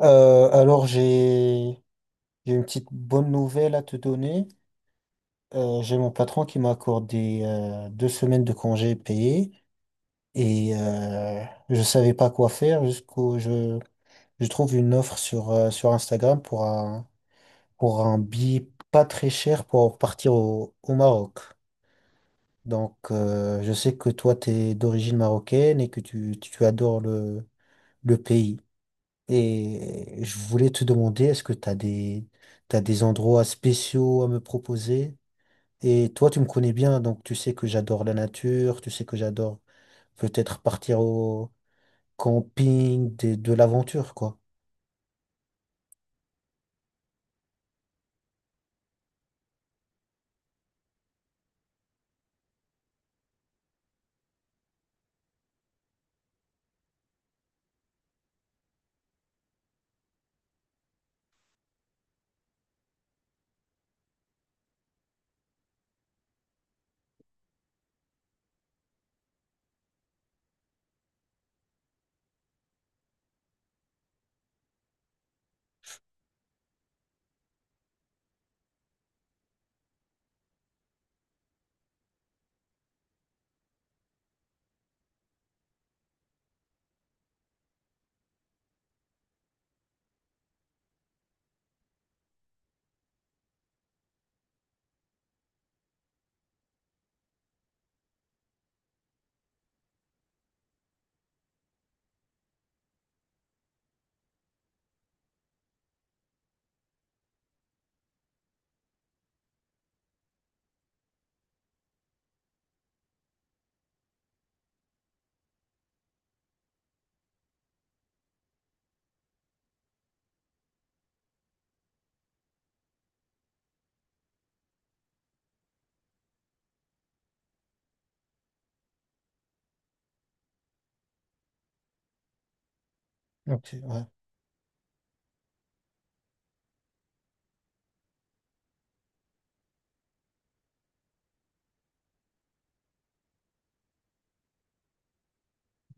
Alors j'ai une petite bonne nouvelle à te donner. J'ai mon patron qui m'a accordé 2 semaines de congés payés et je savais pas quoi faire jusqu'au je trouve une offre sur Instagram pour un billet pas très cher pour partir au Maroc. Je sais que toi tu es d'origine marocaine et que tu adores le pays. Et je voulais te demander, est-ce que tu as des, t'as des endroits spéciaux à me proposer? Et toi, tu me connais bien, donc tu sais que j'adore la nature, tu sais que j'adore peut-être partir au camping, l'aventure, quoi. Ok, ouais.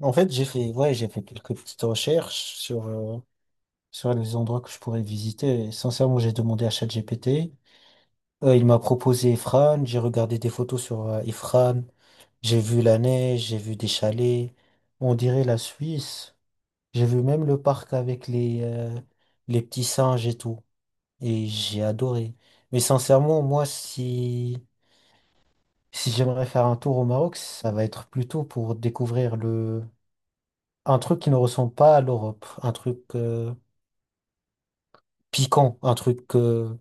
En fait, j'ai fait quelques petites recherches sur les endroits que je pourrais visiter. Et sincèrement, j'ai demandé à ChatGPT. Il m'a proposé Efran. J'ai regardé des photos sur Efran. J'ai vu la neige, j'ai vu des chalets, on dirait la Suisse. J'ai vu même le parc avec les petits singes et tout. Et j'ai adoré. Mais sincèrement, moi, si, si j'aimerais faire un tour au Maroc, ça va être plutôt pour découvrir le, un truc qui ne ressemble pas à l'Europe. Un truc piquant, un truc,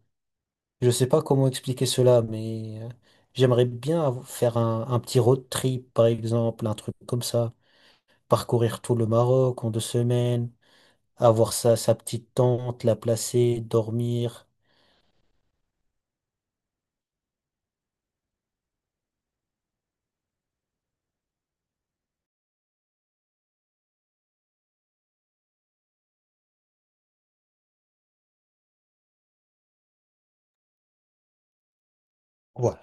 je sais pas comment expliquer cela, mais j'aimerais bien faire un petit road trip, par exemple, un truc comme ça. Parcourir tout le Maroc en 2 semaines, avoir sa petite tente, la placer, dormir. Ouais.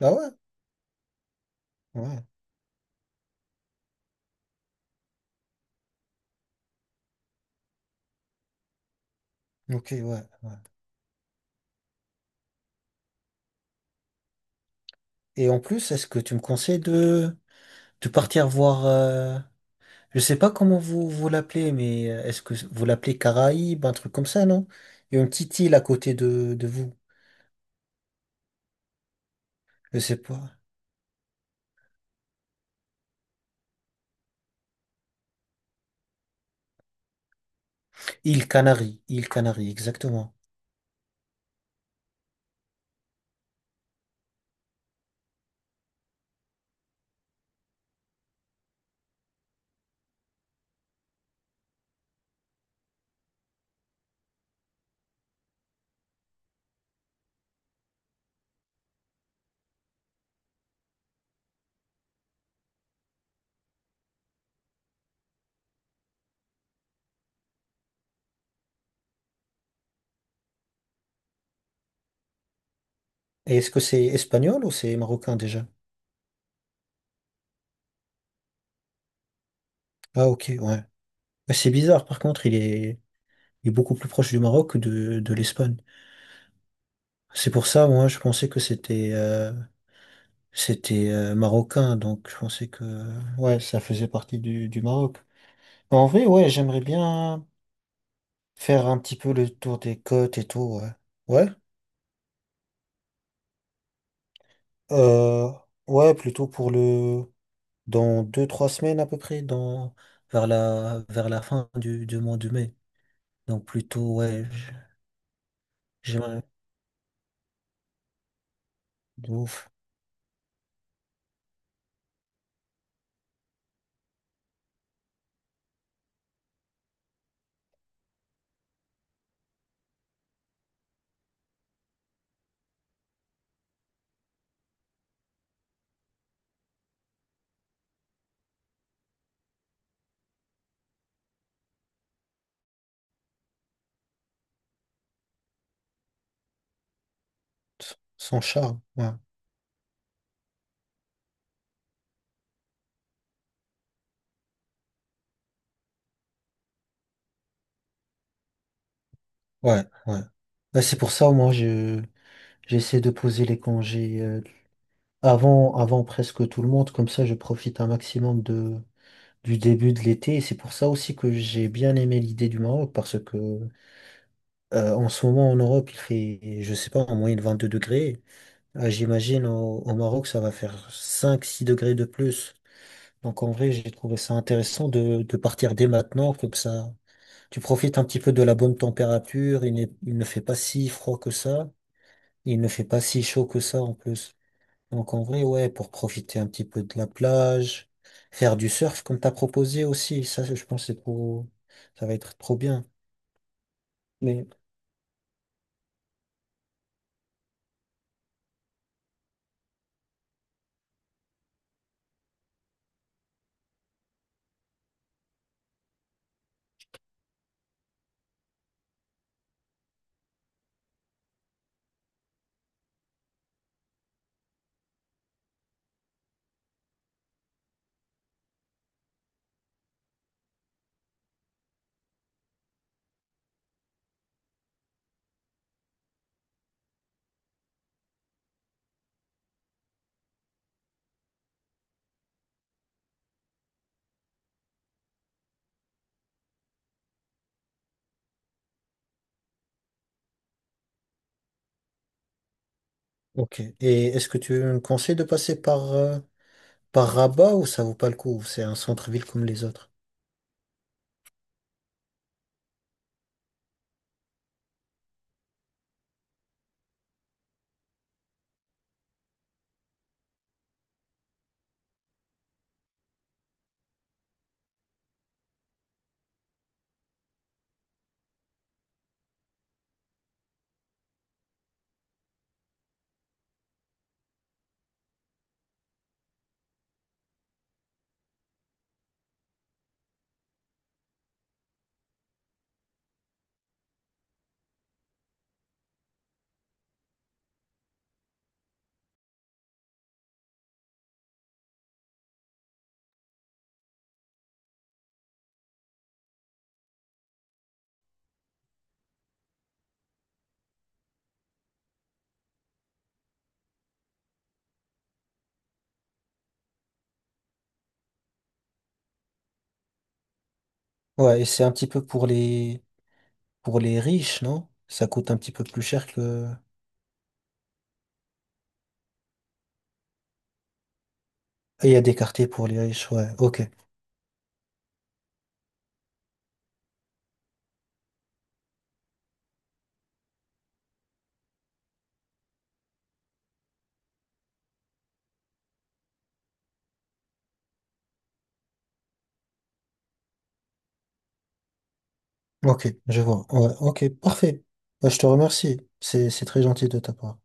Ah ouais? Ouais. Ok, ouais. Et en plus, est-ce que tu me conseilles de partir voir, je sais pas comment vous l'appelez, mais est-ce que vous l'appelez Caraïbes, un truc comme ça, non? Il y a une petite île à côté de vous. Je sais pas. Île Canaries. Île Canaries, exactement. Et est-ce que c'est espagnol ou c'est marocain déjà? Ah ok, ouais. Mais c'est bizarre, par contre, il est... est beaucoup plus proche du Maroc que de l'Espagne. C'est pour ça, moi, je pensais que c'était marocain, donc je pensais que ouais, ça faisait partie du Maroc. Mais en vrai, ouais, j'aimerais bien faire un petit peu le tour des côtes et tout, ouais. Ouais. Euh, ouais, plutôt pour le dans 2, 3 semaines à peu près, dans vers la fin du mois de mai. Donc plutôt ouais, j'aimerais de ouf. Sans charme. Ouais. Ouais, ouais. Ouais, c'est pour ça, moi, je j'essaie de poser les congés avant, avant presque tout le monde, comme ça je profite un maximum du début de l'été. Et c'est pour ça aussi que j'ai bien aimé l'idée du Maroc, parce que en ce moment en Europe, il fait, je sais pas, en moyenne 22 degrés. Ah, j'imagine au Maroc, ça va faire 5 6 degrés de plus. Donc en vrai, j'ai trouvé ça intéressant de partir dès maintenant, comme ça tu profites un petit peu de la bonne température, il ne fait pas si froid que ça, il ne fait pas si chaud que ça en plus. Donc en vrai, ouais, pour profiter un petit peu de la plage, faire du surf comme t'as proposé aussi, ça je pense que c'est trop, ça va être trop bien. Mais ok. Et est-ce que tu me conseilles de passer par par Rabat ou ça vaut pas le coup? C'est un centre-ville comme les autres. Ouais, et c'est un petit peu pour les riches, non? Ça coûte un petit peu plus cher que. Et il y a des quartiers pour les riches, ouais. Ok, ok, je vois. Ouais, ok, parfait. Bah, je te remercie. C'est très gentil de ta part.